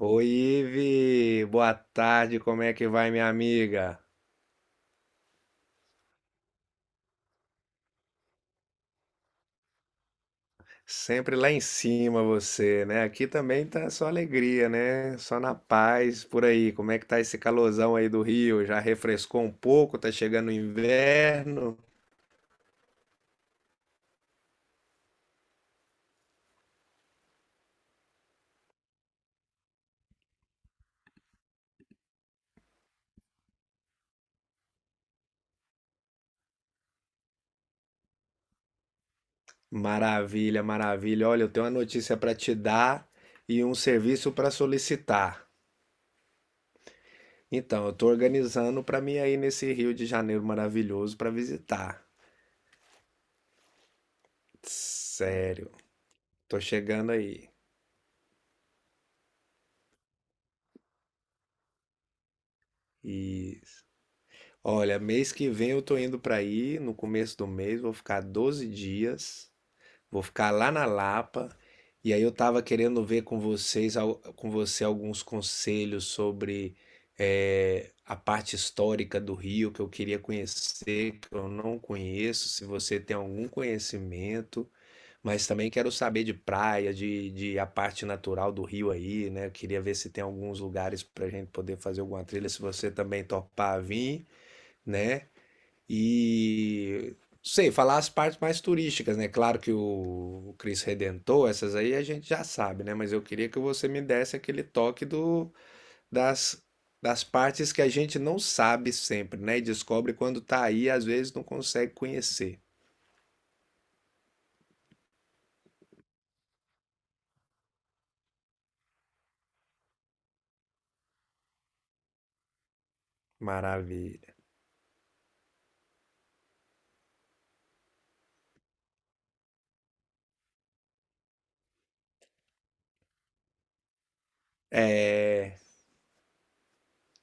Oi, Ive! Boa tarde, como é que vai, minha amiga? Sempre lá em cima você, né? Aqui também tá só alegria, né? Só na paz por aí. Como é que tá esse calorzão aí do Rio? Já refrescou um pouco? Tá chegando o inverno? Maravilha, maravilha. Olha, eu tenho uma notícia para te dar e um serviço para solicitar. Então, eu tô organizando para mim aí nesse Rio de Janeiro maravilhoso para visitar. Sério, tô chegando aí. E Olha, mês que vem eu tô indo pra aí, no começo do mês, vou ficar 12 dias, vou ficar lá na Lapa, e aí eu tava querendo ver com você alguns conselhos sobre a parte histórica do Rio que eu queria conhecer, que eu não conheço, se você tem algum conhecimento, mas também quero saber de praia, de a parte natural do Rio aí, né? Eu queria ver se tem alguns lugares pra gente poder fazer alguma trilha, se você também topar vir, né? E sei, falar as partes mais turísticas, né? Claro que o Cristo Redentor, essas aí a gente já sabe, né? Mas eu queria que você me desse aquele toque das, das partes que a gente não sabe sempre, né? E descobre quando tá aí, e às vezes não consegue conhecer. Maravilha. É,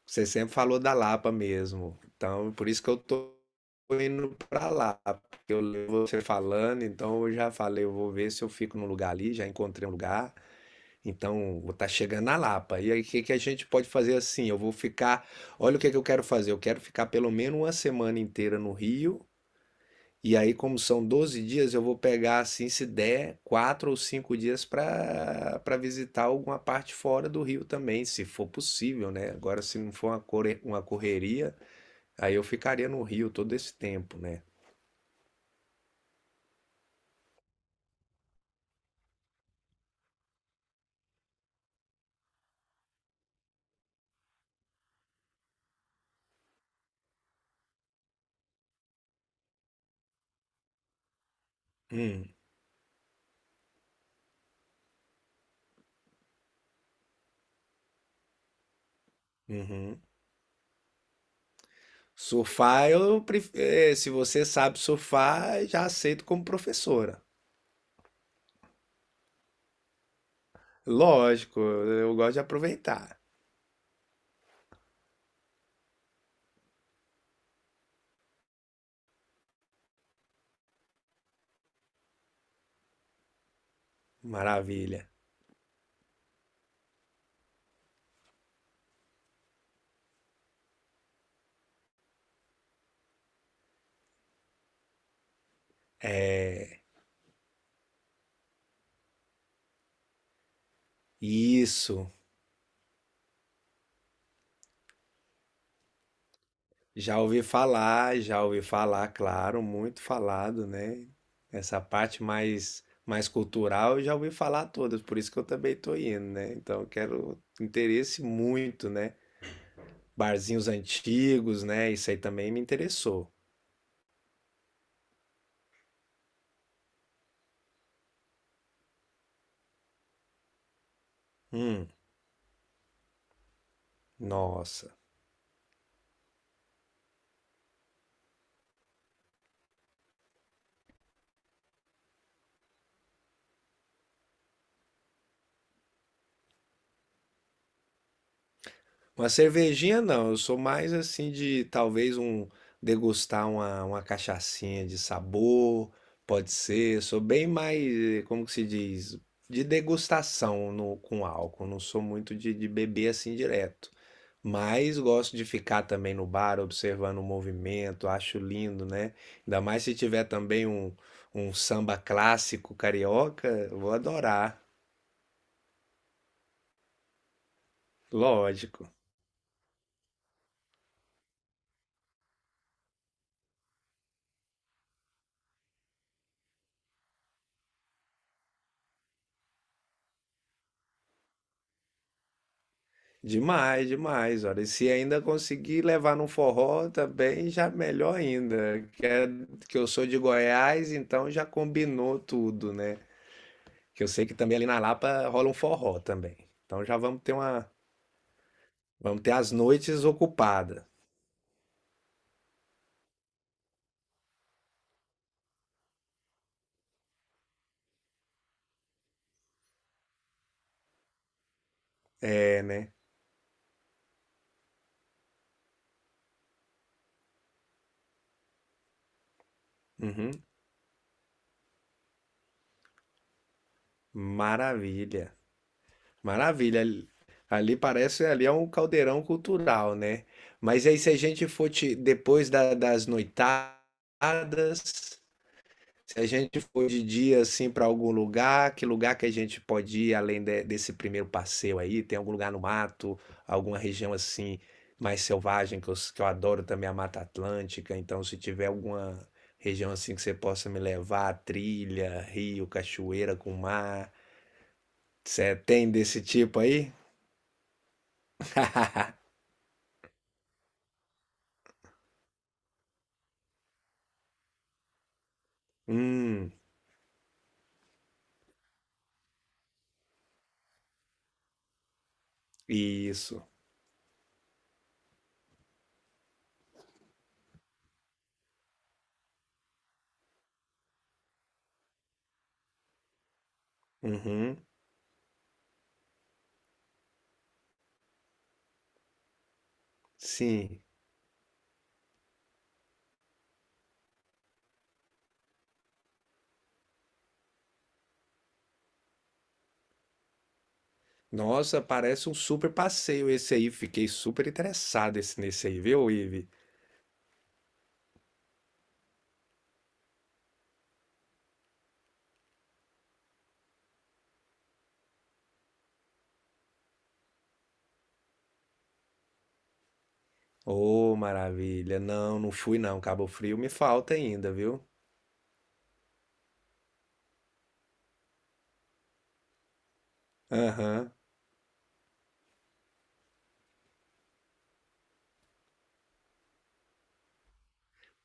você sempre falou da Lapa mesmo. Então, por isso que eu tô indo pra lá. Porque eu levo você falando, então eu já falei, eu vou ver se eu fico num lugar ali, já encontrei um lugar. Então, vou estar chegando na Lapa. E aí, o que que a gente pode fazer assim? Eu vou ficar. Olha o que que eu quero fazer. Eu quero ficar pelo menos uma semana inteira no Rio. E aí, como são 12 dias, eu vou pegar, assim, se der, 4 ou 5 dias para para visitar alguma parte fora do Rio também, se for possível, né? Agora, se não for uma correria, aí eu ficaria no Rio todo esse tempo, né? Hum, uhum. Surfar, eu se você sabe surfar, já aceito como professora. Lógico, eu gosto de aproveitar. Maravilha. Isso. Já ouvi falar, claro, muito falado, né? Essa parte mais cultural, eu já ouvi falar todas, por isso que eu também tô indo, né? Então, eu quero interesse muito, né? Barzinhos antigos, né? Isso aí também me interessou. Hum, nossa. Uma cervejinha não, eu sou mais assim de talvez um degustar uma cachaçinha de sabor, pode ser, sou bem mais, como que se diz, de degustação no, com álcool, não sou muito de beber assim direto, mas gosto de ficar também no bar observando o movimento, acho lindo, né? Ainda mais se tiver também um, samba clássico carioca, vou adorar, lógico. Demais, demais. Olha, e se ainda conseguir levar num forró também, já melhor ainda. Que eu sou de Goiás, então já combinou tudo, né? Que eu sei que também ali na Lapa rola um forró também. Então já vamos ter as noites ocupadas. Uhum. Maravilha, maravilha. Ali parece, ali é um caldeirão cultural, né? Mas aí se a gente for te- depois da- das noitadas, se a gente for de dia assim para algum lugar que a gente pode ir desse primeiro passeio aí? Tem algum lugar no mato, alguma região assim mais selvagem que que eu adoro também a Mata Atlântica. Então, se tiver alguma região assim que você possa me levar, trilha, rio, cachoeira com mar, você tem desse tipo aí? Hum, isso. Uhum, sim. Nossa, parece um super passeio esse aí. Fiquei super interessado nesse aí, viu, Ive? Ô, maravilha. Não, não fui não. Cabo Frio me falta ainda, viu? Aham.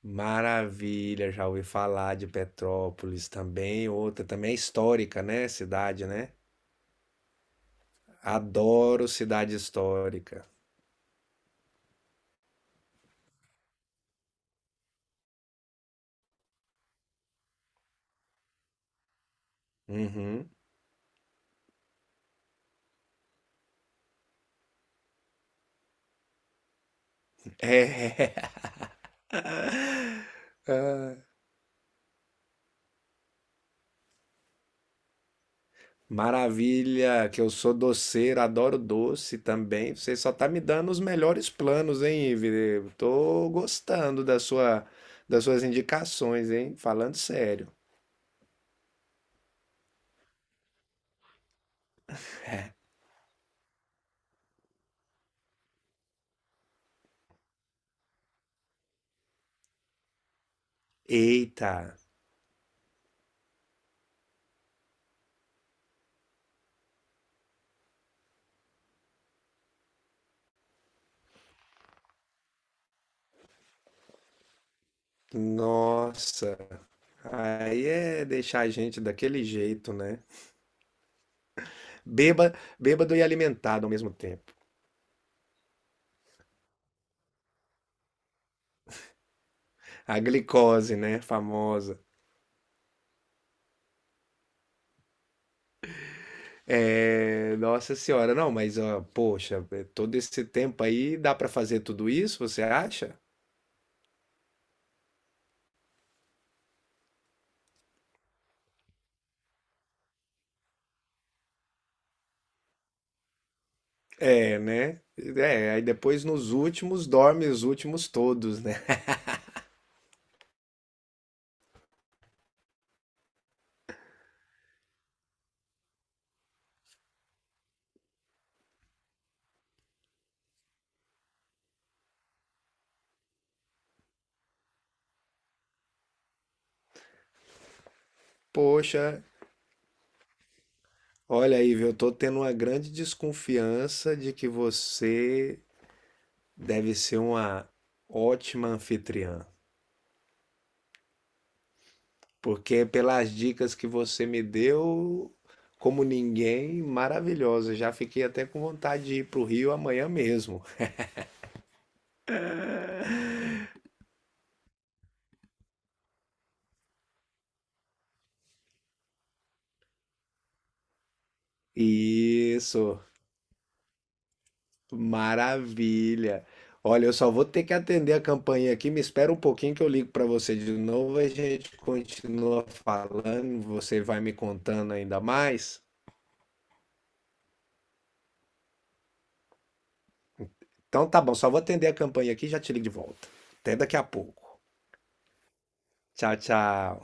Maravilha, já ouvi falar de Petrópolis também, outra também é histórica, né? Cidade, né? Adoro cidade histórica. Uhum. É, maravilha, que eu sou doceiro, adoro doce também. Você só tá me dando os melhores planos, hein, Ivi? Tô gostando das suas indicações, hein? Falando sério. Eita. Nossa, aí é deixar a gente daquele jeito, né? Bêba, Bêbado e alimentado ao mesmo tempo. A glicose, né? Famosa. É, nossa senhora, não, mas ó, poxa, é, todo esse tempo aí dá pra fazer tudo isso, você acha? É, né? É, aí depois nos últimos dorme os últimos todos, né? Poxa, olha aí, viu? Eu tô tendo uma grande desconfiança de que você deve ser uma ótima anfitriã. Porque pelas dicas que você me deu, como ninguém, maravilhosa. Já fiquei até com vontade de ir para o Rio amanhã mesmo. Isso, maravilha. Olha, eu só vou ter que atender a campainha aqui. Me espera um pouquinho que eu ligo para você de novo. A gente continua falando. Você vai me contando ainda mais. Então tá bom, só vou atender a campainha aqui e já te ligo de volta. Até daqui a pouco. Tchau, tchau.